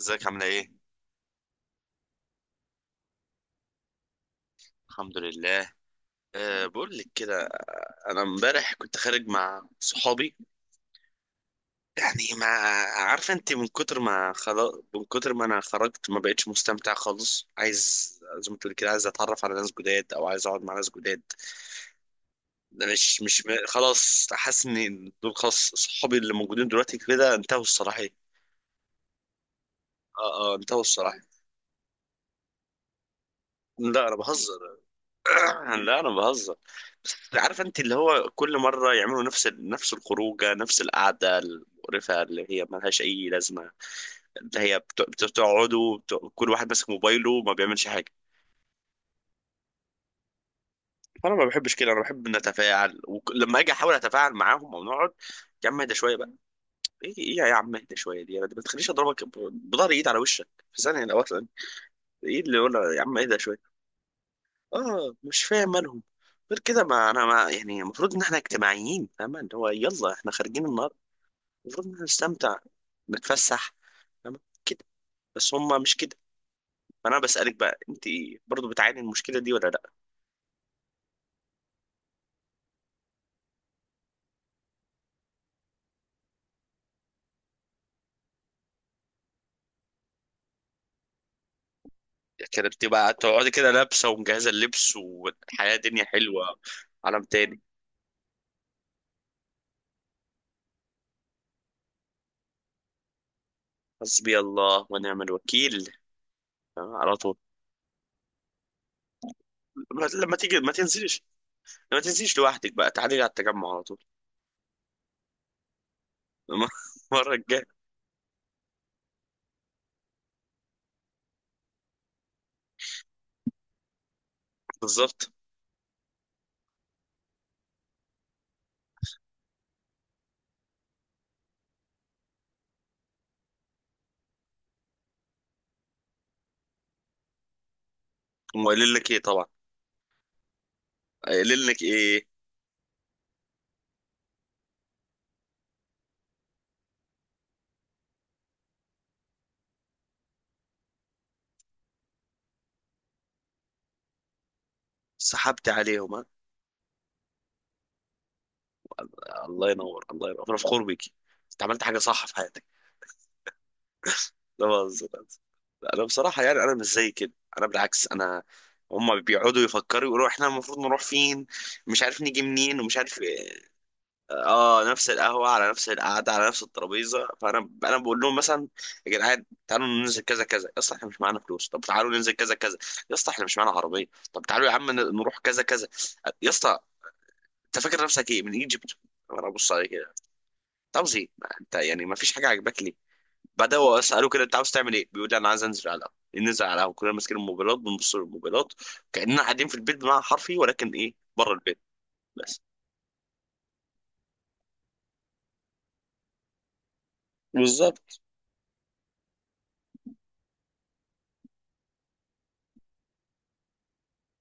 ازيك عاملة ايه؟ الحمد لله. أه بقول لك كده، انا امبارح كنت خارج مع صحابي، يعني ما عارفه انت، من كتر ما، خلاص، من كتر ما انا خرجت ما بقتش مستمتع خالص. عايز، زي ما تقول كده، عايز اتعرف على ناس جداد او عايز اقعد مع ناس جداد. مش خلاص حاسس ان دول خلاص، صحابي اللي موجودين دلوقتي كده انتهوا الصلاحيه. اه انتهوا الصلاحيه، لا انا بهزر. لا انا بهزر. بس عارف انت اللي هو كل مره يعملوا نفس نفس الخروجه، نفس القعده المقرفه اللي هي ما لهاش اي لازمه، اللي هي بتقعدوا كل واحد ماسك موبايله وما بيعملش حاجه. فانا ما بحبش كده، انا بحب نتفاعل، ولما اجي احاول اتفاعل معاهم او نقعد. يا عم اهدى شويه بقى. ايه ايه يا عم اهدى شويه دي؟ انا ما تخليش اضربك بضهر ايد على وشك في ثانيه لو اصلا. ايه اللي يقول يا عم اهدى شويه؟ اه مش فاهم مالهم. غير كده، ما انا ما يعني المفروض ان احنا اجتماعيين، فاهمة؟ اللي هو يلا احنا خارجين النهارده، المفروض ان احنا نستمتع، نتفسح، فاهمة كده، بس هم مش كده. فانا بسألك بقى انت، برضو بتعاني من المشكلة دي ولا لا؟ يعني انت بقى تقعدي كده لابسة ومجهزة اللبس والحياة دنيا حلوة، عالم تاني. حسبي الله ونعم الوكيل، فاهمة؟ على طول. لما لما تيجي ما تنزلش، ما تنزليش لوحدك بقى، تعالي على التجمع على طول. المرة الجاية، بالظبط. هم قايلين لك ايه طبعا؟ قايل لك ايه؟ سحبت عليهم ها؟ الله ينور. الله ينور، انا فخور بيكي، انت عملت حاجه صح في حياتك. لا بهزر، لا بهزر. لا، انا بصراحه، يعني انا مش زي كده، انا بالعكس. انا هم بيقعدوا يفكروا، يقولوا احنا المفروض نروح فين، مش عارف نيجي منين ومش عارف إيه. اه نفس القهوه، على نفس القعده، على نفس الترابيزه. فانا بقول لهم مثلا، يا جدعان تعالوا ننزل كذا كذا. يا اسطى احنا مش معانا فلوس، طب تعالوا ننزل كذا كذا. يا اسطى احنا مش معانا عربيه، طب تعالوا يا عم نروح كذا كذا. يا اسطى انت فاكر نفسك ايه، من ايجيبت؟ وانا ابص عليه كده، انت عاوز ايه؟ ما انت يعني ما فيش حاجه عاجباك، ليه؟ بعدها هو اساله كده، انت عاوز تعمل ايه؟ بيقول لي انا عايز انزل على القهوه. ننزل على القهوه كلنا ماسكين الموبايلات، بنبص للموبايلات كاننا قاعدين في البيت بمعنى حرفي، ولكن ايه، بره البيت. بس بالظبط.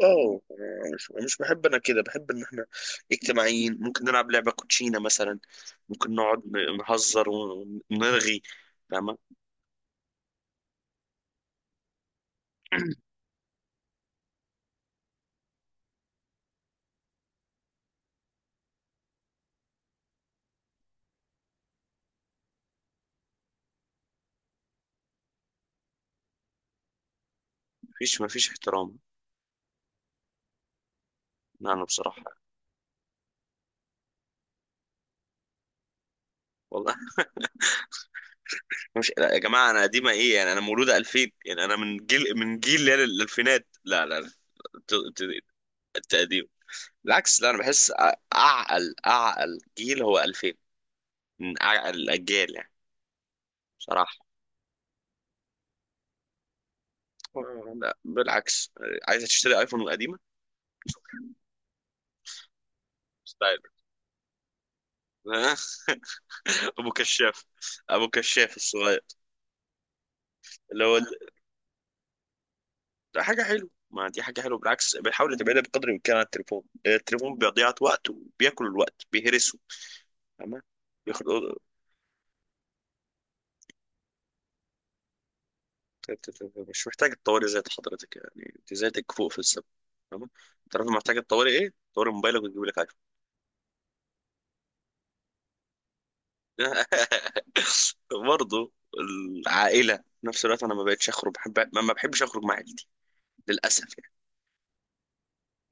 اه مش بحب انا كده، بحب ان احنا اجتماعيين، ممكن نلعب لعبه كوتشينه مثلا، ممكن نقعد نهزر ونرغي، فاهمه؟ مفيش احترام. لا، انا بصراحه، والله. مش لا يا جماعه انا قديمه ايه يعني؟ انا مولوده 2000، يعني انا من جيل، من جيل اللي هي الالفينات. لا ت- ت- التقديم، بالعكس، لا انا بحس اعقل، اعقل جيل هو 2000، من اعقل الاجيال يعني، بصراحه. لا بالعكس، عايزه تشتري ايفون قديمه ستايل. ابو كشاف، ابو كشاف الصغير. اللي هو ده حاجه حلوه، ما دي حاجه حلوه بالعكس، بيحاول تبعدها بقدر الامكان عن التليفون، التليفون بيضيع وقت وبياكل الوقت، بيهرسه، تمام. بياخد. مش محتاج تطوري ذات حضرتك يعني، انت ذاتك فوق في السما، تمام. تعرف محتاج تطوري ايه؟ تطوري موبايلك وتجيب لك ايفون. برضه العائله، في نفس الوقت انا ما بقتش اخرج. بحب، ما بحبش اخرج مع عيلتي للاسف يعني.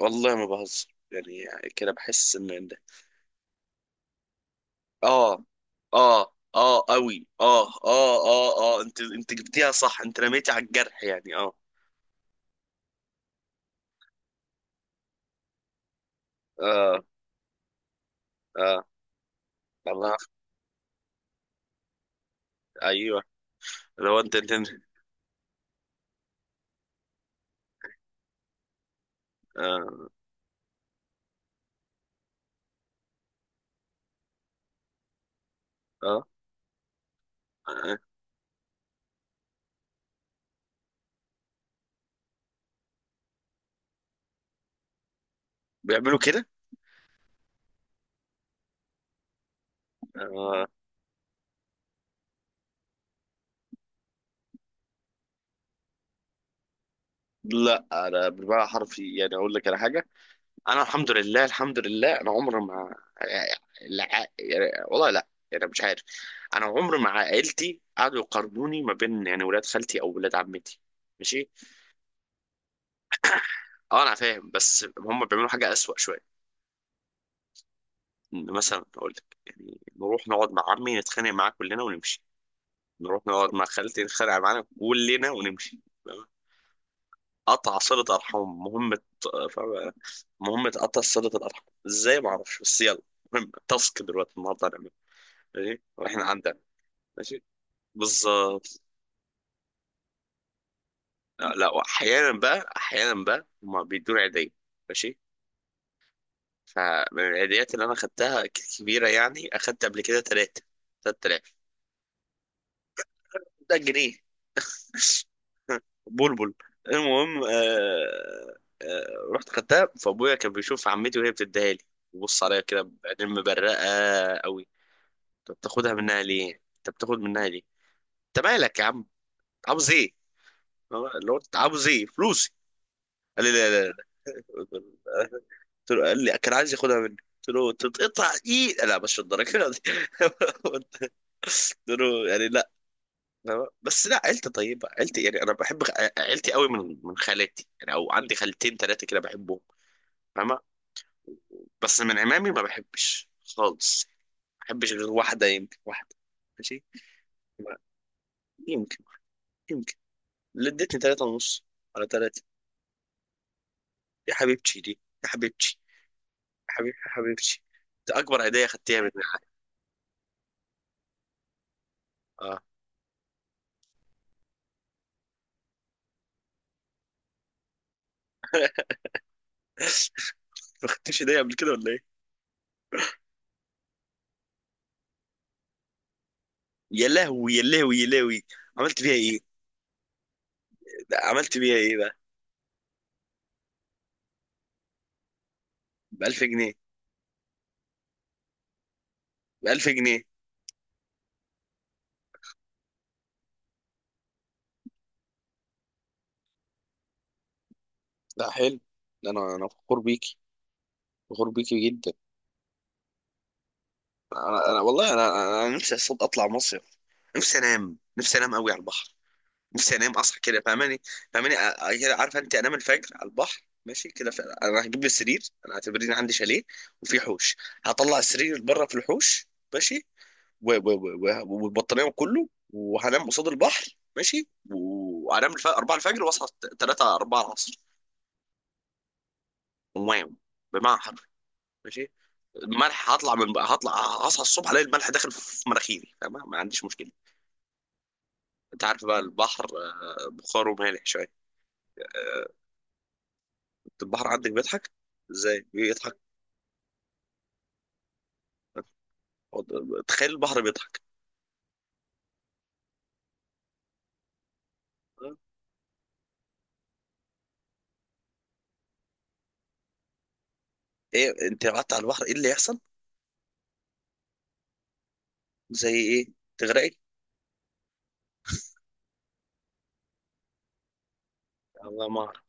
والله ما بهزر، يعني كده بحس ان إن ده، اه اه قوي، اه انت انت جبتيها صح، انت رميتي على الجرح يعني، اه اه اه الله يعافيك. ايوه. لو انت انت. آه. اه. آه. بيعملوا كده. آه. لا انا بالمعنى الحرفي، يعني اقول لك على حاجه، انا الحمد لله، الحمد لله انا عمري ما، لا، يعني والله لا، يعني مش عارف. انا عمري مع عائلتي قعدوا يقارنوني ما بين يعني ولاد خالتي او ولاد عمتي، ماشي. اه انا فاهم، بس هم بيعملوا حاجه اسوأ شويه، إن مثلا اقول لك يعني نروح نقعد مع عمي نتخانق معاه كلنا ونمشي، نروح نقعد مع خالتي نتخانق معانا كلنا ونمشي، قطع صلة أرحام مهمة، فاهم؟ مهمة قطع صلة الأرحام، إزاي ما أعرفش، بس يلا، مهم. تاسك دلوقتي النهاردة هنعمل، ماشي، وإحنا عندنا، ماشي، بالظبط. آه، لا أحيانا بقى، أحيانا بقى هما بيدوني عيدية، ماشي. فمن العيديات اللي أنا خدتها كبيرة يعني، أخدت قبل كده تلاتة، تلات آلاف. ده جنيه، بلبل. المهم، آه رحت خدتها، فأبويا كان بيشوف عمتي وهي بتديها لي، بص عليا كده، بعدين مبرقة قوي. انت بتاخدها منها ليه؟ انت بتاخد منها ليه؟ انت مالك يا عم؟ عاوز ايه؟ اللي هو عاوز ايه، فلوسي؟ قال لي لا لا. قلت له، قال لي كان عايز ياخدها مني. قلت له تتقطع ايه، لا مش الدرجه دي. قلت له يعني لا. بس لا عيلتي طيبه، عيلتي يعني انا بحب عيلتي قوي، من خالاتي يعني، او عندي خالتين ثلاثه كده بحبهم، فاهمه؟ بس من عمامي ما بحبش خالص، ما بحبش غير واحده، يمكن واحده، ماشي. ما- يمكن. اللي ادتني تلاتة ونص، على تلاتة، يا حبيبتي دي، يا حبيبتي، يا حبيب يا حبيبتي، ده أكبر هدية خدتيها من حياتي، اه. ما خدتش هدية قبل كده ولا إيه؟ يا لهوي، يا لهوي. عملت بيها إيه؟ ده عملت بيها إيه بقى؟ ب 1000 جنيه؟ ب 1000 جنيه. لا حلو. ده أنا، أنا فخور بيكي، فخور بيكي جدا. أنا, والله، أنا نفسي أصلا أطلع مصيف، نفسي أنام، نفسي أنام قوي على البحر، نفسي انام اصحى كده، فاهماني؟ فاهماني كده، عارفه انت، انام الفجر على البحر، ماشي كده، انا هجيب لي سرير، انا اعتبرني عندي شاليه وفي حوش، هطلع السرير بره في الحوش، ماشي، والبطانيه وكله، وهنام قصاد البحر، ماشي، وهنام 4 الفجر واصحى 3 4 العصر. واو، بمعنى حرفي، ماشي. الملح هطلع من بقى، هطلع، هصحى الصبح الاقي الملح داخل في مناخيري، تمام، ما عنديش مشكله، انت عارف بقى البحر، آه، بخاره مالح شويه. آه، البحر عندك بيضحك؟ ازاي بيضحك؟ تخيل البحر بيضحك. ايه انت قعدت على البحر ايه اللي يحصل؟ زي ايه، تغرقي؟ الله ما اعرف.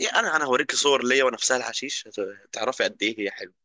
إيه انا، انا هوريك صور ليا وانا في سهل حشيش، هتعرفي قد ايه هي حلوه.